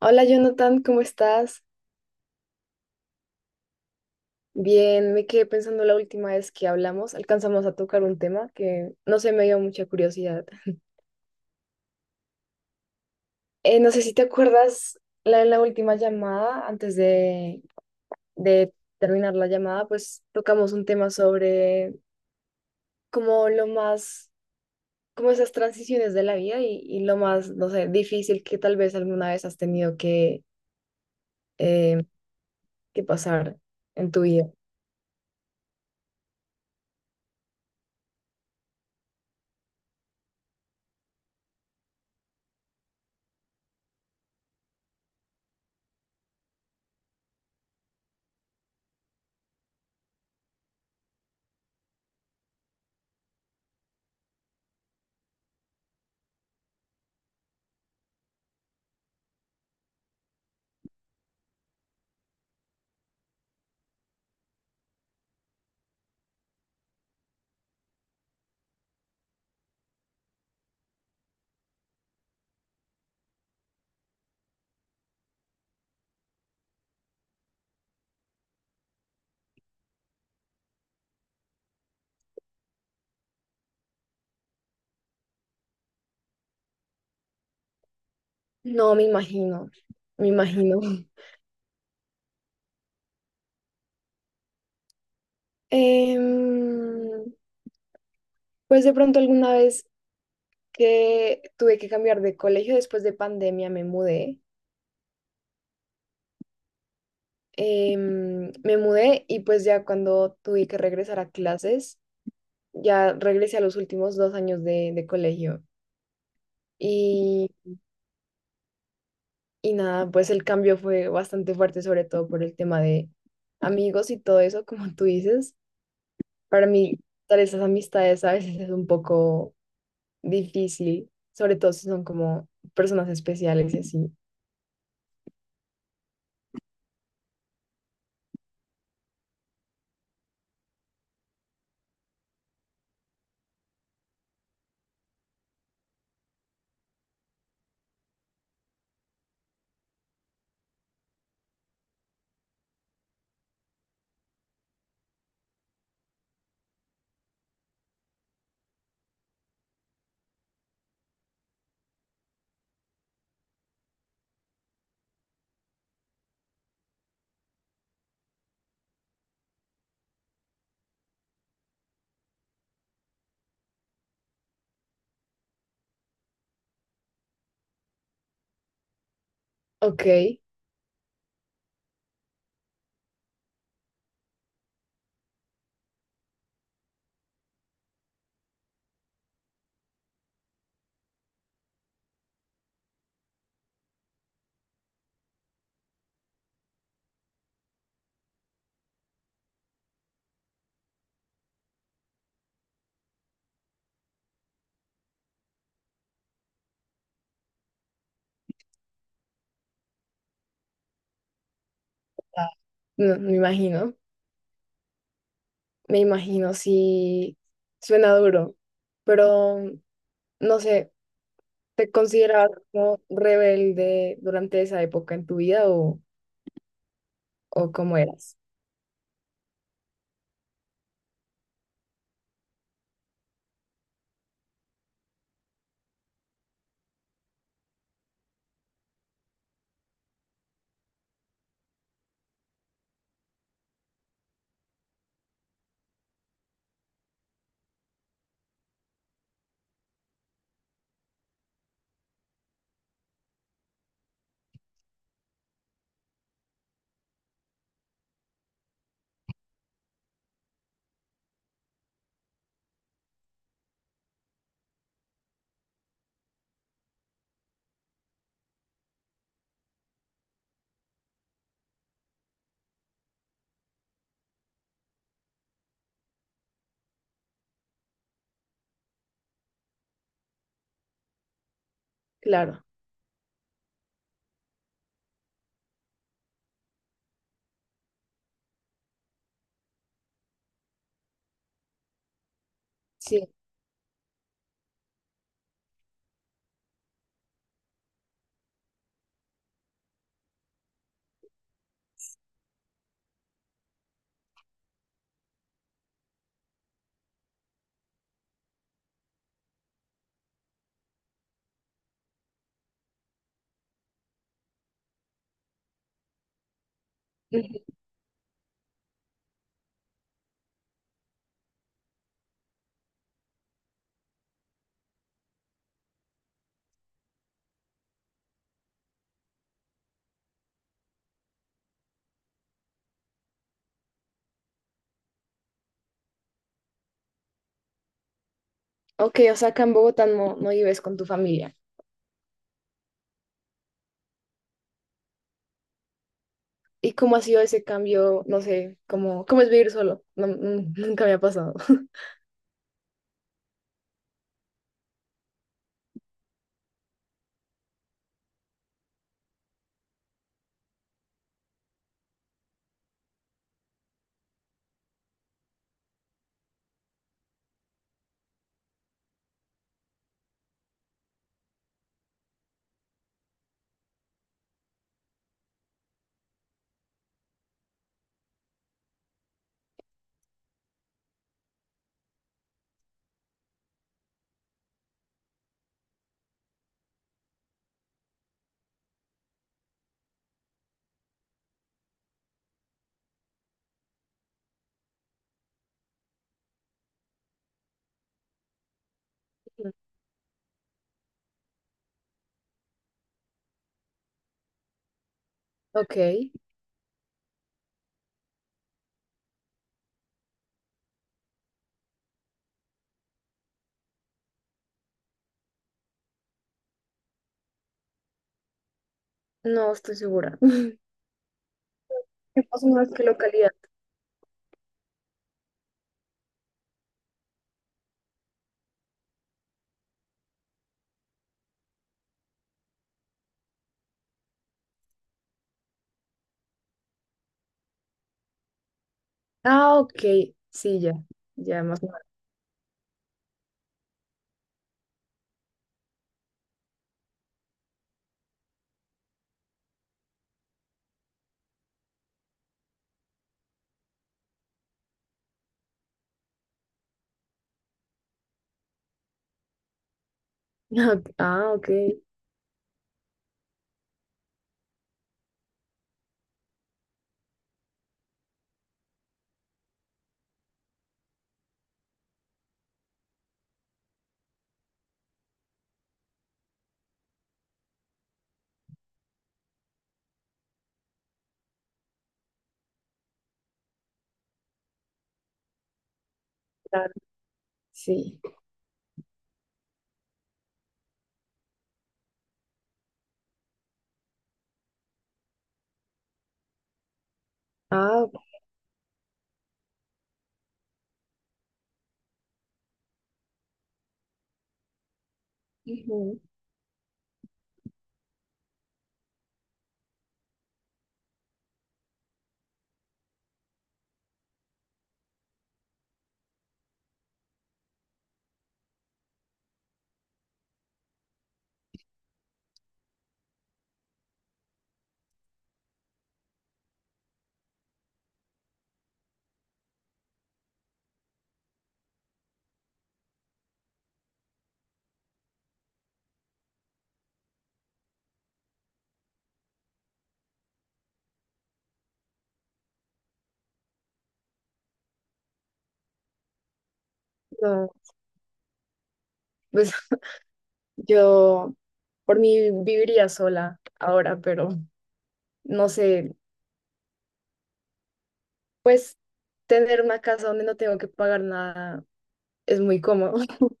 Hola Jonathan, ¿cómo estás? Bien, me quedé pensando la última vez que hablamos, alcanzamos a tocar un tema que no sé, me dio mucha curiosidad. No sé si te acuerdas, en la última llamada, antes de terminar la llamada, pues tocamos un tema sobre como lo más, como esas transiciones de la vida y lo más, no sé, difícil que tal vez alguna vez has tenido eh, que pasar en tu vida. No, me imagino, me imagino. Em, pues de pronto alguna vez que tuve que cambiar de colegio, después de pandemia me mudé. Me mudé y pues ya cuando tuve que regresar a clases, ya regresé a los últimos dos años de colegio. Y, y nada, pues el cambio fue bastante fuerte, sobre todo por el tema de amigos y todo eso, como tú dices. Para mí, dar esas amistades a veces es un poco difícil, sobre todo si son como personas especiales y así. Ok, ah, no, me imagino, me imagino, si suena duro, pero no sé, ¿te considerabas como rebelde durante esa época en tu vida, o cómo eras? Claro, sí. Ujú. Ok, o sea, acá en Bogotá no, no vives con tu familia. ¿Y cómo ha sido ese cambio? No sé, ¿cómo, cómo es vivir solo? No, mm, nunca me ha pasado. Ok, no estoy segura. ¿Qué más o menos qué localidad? Ah, ok, sí, ya, ya más. Ok. Ah, ok, claro, sí. Ah, ok, ujú. No, pues, yo por mí viviría sola ahora, pero no sé, pues tener una casa donde no tengo que pagar nada es muy cómodo.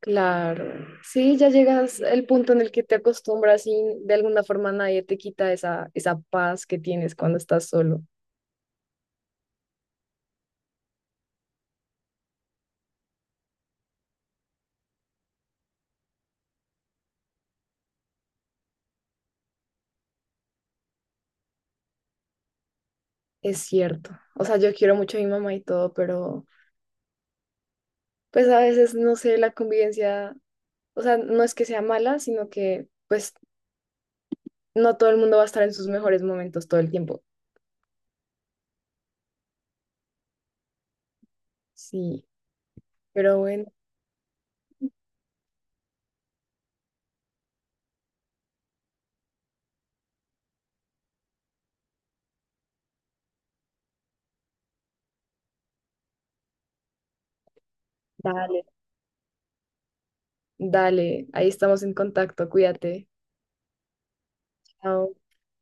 Claro, sí, ya llegas al punto en el que te acostumbras y de alguna forma nadie te quita esa, esa paz que tienes cuando estás solo. Es cierto. O sea, yo quiero mucho a mi mamá y todo, pero pues a veces, no sé, la convivencia. O sea, no es que sea mala, sino que pues no todo el mundo va a estar en sus mejores momentos todo el tiempo. Sí, pero bueno, dale, dale, ahí estamos en contacto, cuídate. Chao.